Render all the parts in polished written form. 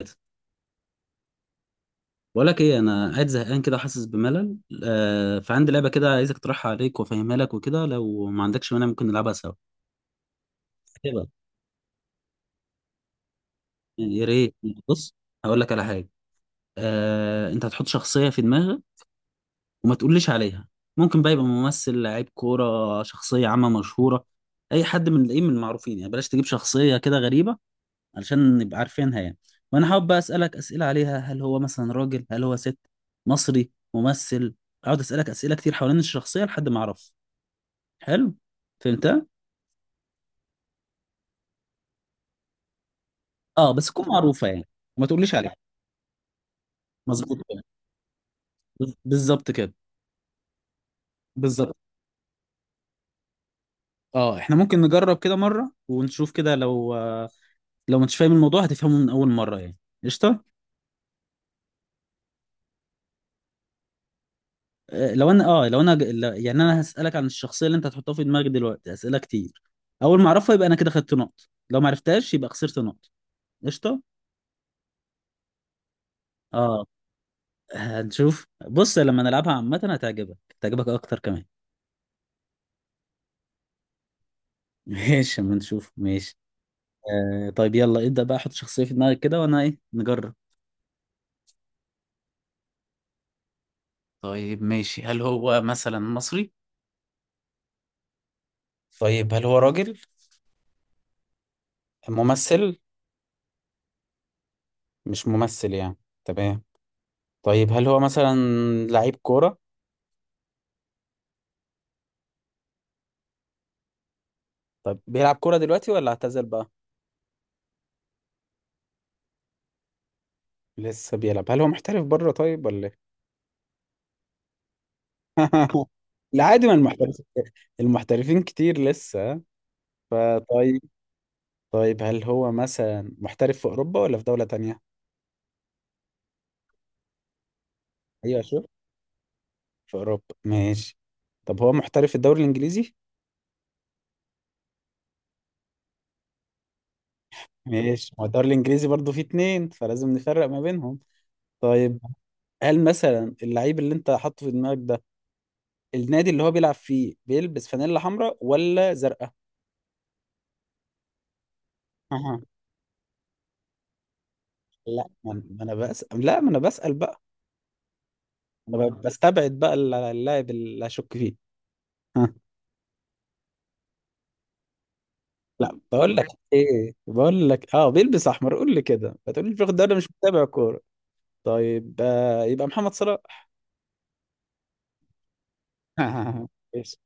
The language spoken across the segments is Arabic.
بقول لك ايه؟ انا قاعد زهقان كده، حاسس بملل. فعندي لعبه كده عايزك اقترحها عليك وافهمها لك وكده. لو ما عندكش مانع، ممكن نلعبها سوا كده يعني، يا ريت. بص، هقول لك على حاجه. انت هتحط شخصيه في دماغك وما تقوليش عليها. ممكن بقى يبقى ممثل، لعيب كوره، شخصيه عامه مشهوره، اي حد من المعروفين يعني. بلاش تجيب شخصيه كده غريبه، علشان نبقى عارفينها يعني. وانا حابب بقى اسالك اسئله عليها. هل هو مثلا راجل؟ هل هو ست؟ مصري؟ ممثل؟ اقعد اسالك اسئله كتير حوالين الشخصيه لحد ما اعرف. حلو، فهمتها؟ اه بس تكون معروفه يعني، وما تقوليش عليها. مظبوط كده. بالظبط كده، بالظبط. اه احنا ممكن نجرب كده مره ونشوف كده، لو مش فاهم الموضوع هتفهمه من اول مره يعني. قشطه. لو انا لو انا يعني انا هسالك عن الشخصيه اللي انت هتحطها في دماغك دلوقتي اسئله كتير. اول ما اعرفها يبقى انا كده خدت نقط، لو ما عرفتهاش يبقى خسرت نقط. قشطه. اه هنشوف، بص لما نلعبها عامه هتعجبك اكتر كمان. ماشي، اما نشوف. ماشي. طيب يلا، ابدا بقى، حط شخصيه في دماغك كده وانا ايه نجرب. طيب ماشي، هل هو مثلا مصري؟ طيب هل هو راجل؟ ممثل؟ مش ممثل يعني. تمام. طيب هل هو مثلا لعيب كورة؟ طيب بيلعب كورة دلوقتي ولا اعتزل بقى؟ لسه بيلعب؟ هل هو محترف بره طيب ولا ايه؟ لا عادي، ما المحترفين المحترفين كتير لسه. فطيب، طيب هل هو مثلا محترف في اوروبا ولا في دولة تانية؟ ايوه شوف، في اوروبا ماشي. طب هو محترف في الدوري الانجليزي؟ ماشي، ما هو الدوري الانجليزي برضه فيه اتنين، فلازم نفرق ما بينهم. طيب هل مثلا اللعيب اللي انت حاطه في دماغك ده، النادي اللي هو بيلعب فيه بيلبس فانيلا حمراء ولا زرقاء؟ أها. لا ما انا، ما انا بسأل بقى. انا بستبعد بقى اللاعب اللي اشك فيه. ها، لا بقول لك ايه، بقول لك اه بيلبس احمر، قول لي كده، بتقول لي الفخ ده، انا مش متابع كوره. طيب يبقى محمد صلاح. ماشي،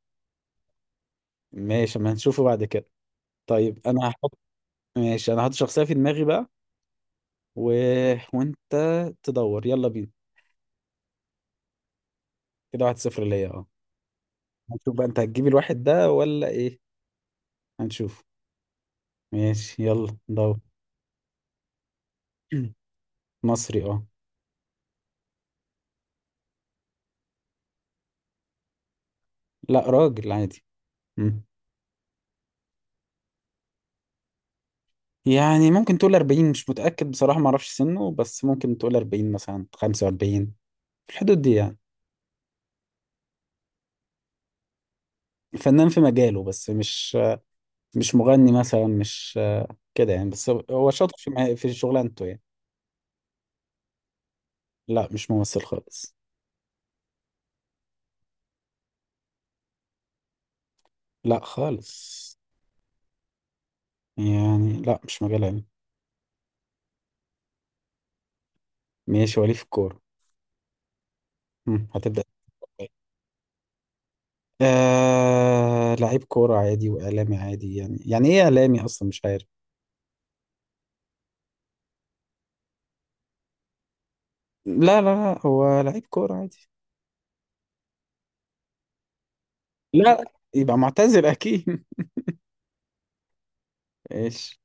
ماشي، ما هنشوفه بعد كده. طيب انا هحط، ماشي انا هحط شخصيه في دماغي بقى و... وانت تدور، يلا بينا. كده واحد صفر ليا، اه. هنشوف بقى انت هتجيب الواحد ده ولا ايه، هنشوف. ماشي يلا دور. مصري اه. لا راجل عادي. مم. يعني ممكن تقول 40، مش متأكد بصراحة، ما اعرفش سنه، بس ممكن تقول 40 مثلا 45، في الحدود دي يعني. فنان في مجاله، بس مش مغني مثلا، مش كده يعني، بس هو شاطر في في شغلانته يعني. لا مش ممثل خالص. لا خالص، يعني لا مش مجال علمي. ماشي، وليه في الكورة. هتبدأ إزاي؟ لعيب كورة عادي وإعلامي عادي يعني إيه إعلامي أصلا، مش عارف. لا لا لا، هو لعيب كورة عادي. لا، يبقى معتزل أكيد. ايش.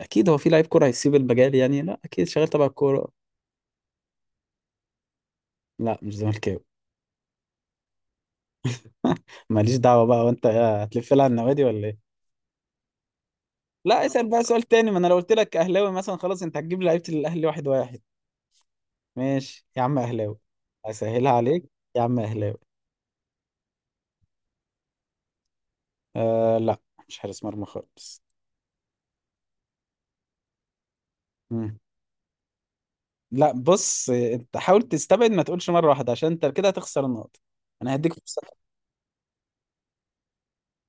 اكيد هو في لعيب كوره هيسيب المجال يعني؟ لا اكيد شغال تبع الكوره. لا مش زملكاوي. ماليش دعوه بقى، وانت إيه، هتلف لها على النوادي ولا ايه. لا اسال بقى سؤال تاني، ما انا لو قلت لك اهلاوي مثلا خلاص انت هتجيب لعيبه الاهلي واحد واحد. ماشي يا عم اهلاوي. اسهلها عليك. يا عم اهلاوي. لا مش حارس مرمى خالص. مم. لا بص، انت حاول تستبعد، ما تقولش مره واحده، عشان انت كده هتخسر النقطه. انا هديك فرصه.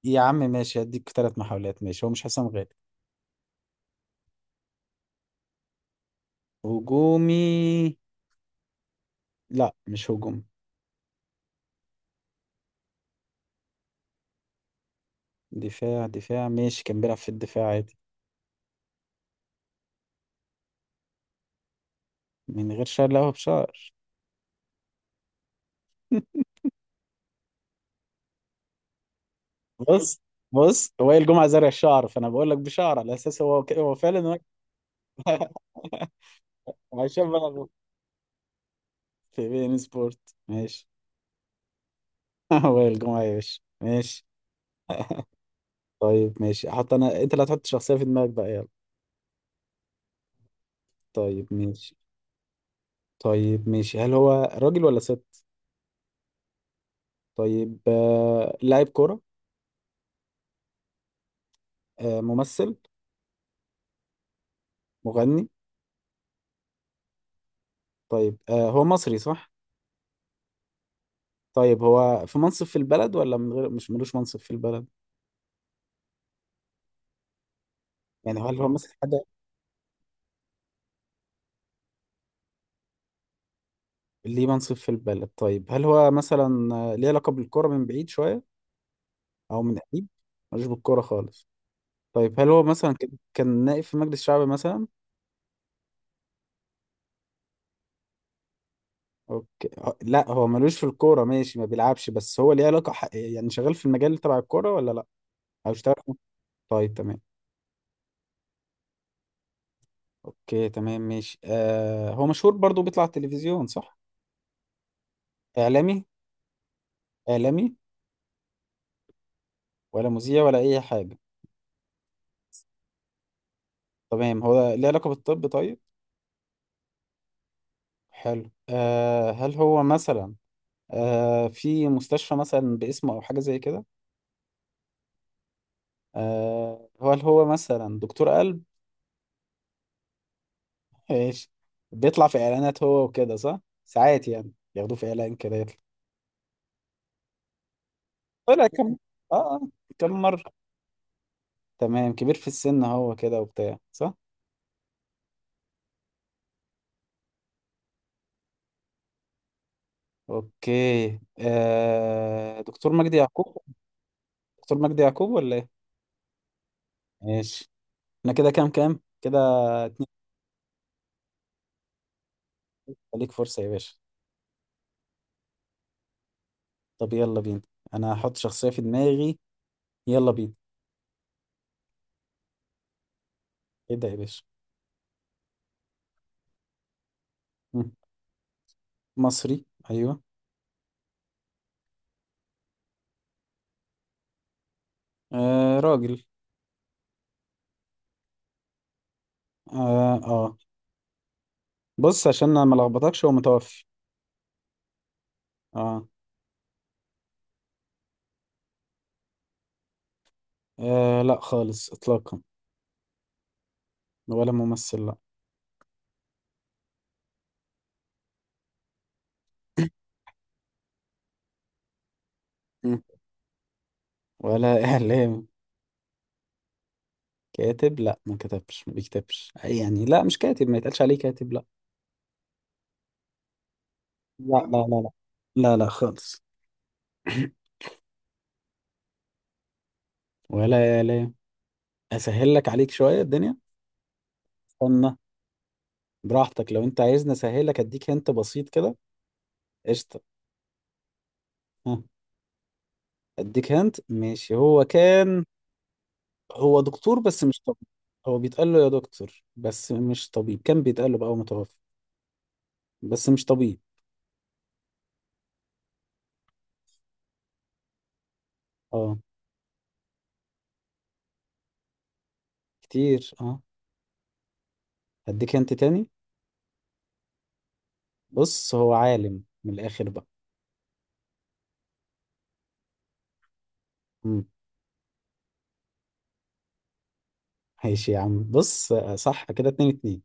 يا عم ماشي، هديك ثلاث محاولات، ماشي. هو مش حسام غالي. هجومي؟ لا مش هجومي. دفاع دفاع، ماشي كان بيلعب في الدفاع عادي. من غير شعر؟ لا هو بشعر. بص بص، وائل جمعة زرع الشعر، فانا بقول لك بشعر على اساس هو فعلا عشان بلغ في بي ان سبورت. ماشي. وائل جمعة يا باشا، ماشي. طيب ماشي، احط انا انت اللي هتحط شخصية في دماغك بقى، يلا. طيب ماشي. طيب ماشي، هل هو راجل ولا ست؟ طيب لاعب كورة؟ ممثل؟ مغني؟ طيب هو مصري صح؟ طيب هو في منصب في البلد ولا من غير، مش ملوش منصب في البلد. يعني هل هو مثلا حد ليه منصب في البلد؟ طيب هل هو مثلا، ليه علاقة بالكرة من بعيد شوية او من قريب؟ ملوش بالكرة خالص؟ طيب هل هو مثلا كان نائب في مجلس شعب مثلا؟ اوكي، لا هو ملوش في الكورة ماشي ما بيلعبش، بس هو ليه علاقة يعني شغال في المجال تبع الكورة ولا لا؟ او اشتغل في... طيب تمام. اوكي تمام ماشي، آه هو مشهور برضو، بيطلع على التلفزيون صح؟ اعلامي؟ اعلامي؟ ولا مذيع، ولا اي حاجة؟ تمام، هو ليه علاقة بالطب طيب؟ حلو، آه هل هو مثلا، آه في مستشفى مثلا باسمه أو حاجة زي كده؟ آه هل هو مثلا دكتور قلب؟ ماشي. بيطلع في إعلانات هو وكده صح؟ ساعات يعني ياخدوه في إعلان كده يطلع. طلع كم، آه آه، كم مرة؟ تمام، كبير في السن هو كده وبتاع صح؟ أوكي، دكتور مجدي يعقوب. دكتور مجدي يعقوب ولا إيه؟ ماشي. احنا كده كام، كام كده، اتنين. ليك فرصة يا باشا. طب يلا بينا، انا هحط شخصية في دماغي، يلا بينا. ابدأ يا باشا. مم. مصري، ايوه. آه راجل. آه, اه بص عشان انا ما لخبطكش هو متوفي. آه. اه لا خالص، اطلاقا. ولا ممثل، لا. مم. ولا اعلام. كاتب؟ لا، ما كتبش، ما بيكتبش أي يعني، لا مش كاتب، ما يتقالش عليه كاتب، لا. لا لا لا. لا لا لا خالص. ولا اعلام. اسهل لك عليك شوية الدنيا. استنى، براحتك لو انت عايزني اسهل لك. اديك انت، بسيط كده. قشطة. ها. اديك هنت، ماشي. هو كان، هو دكتور بس مش طبيب. هو بيتقال له يا دكتور بس مش طبيب، كان بيتقال له بقى، هو متوفى، بس مش طبيب. اه كتير، اه. اديك هنت تاني. بص هو عالم من الاخر بقى. امم ماشي يا عم، بص صح، كده اتنين اتنين.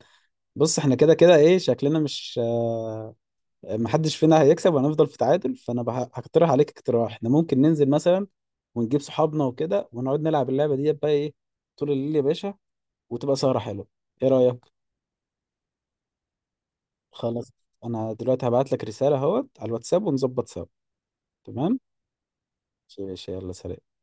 بص احنا كده كده ايه شكلنا، مش محدش فينا هيكسب، وهنفضل في تعادل. فانا هقترح عليك اقتراح، احنا ممكن ننزل مثلا ونجيب صحابنا وكده، ونقعد نلعب اللعبة دي بقى ايه طول الليل يا باشا، وتبقى سهرة حلوة. ايه رأيك؟ خلاص. انا دلوقتي هبعت لك رسالة اهوت على الواتساب ونظبط سوا. تمام. ماشي يلا سلام.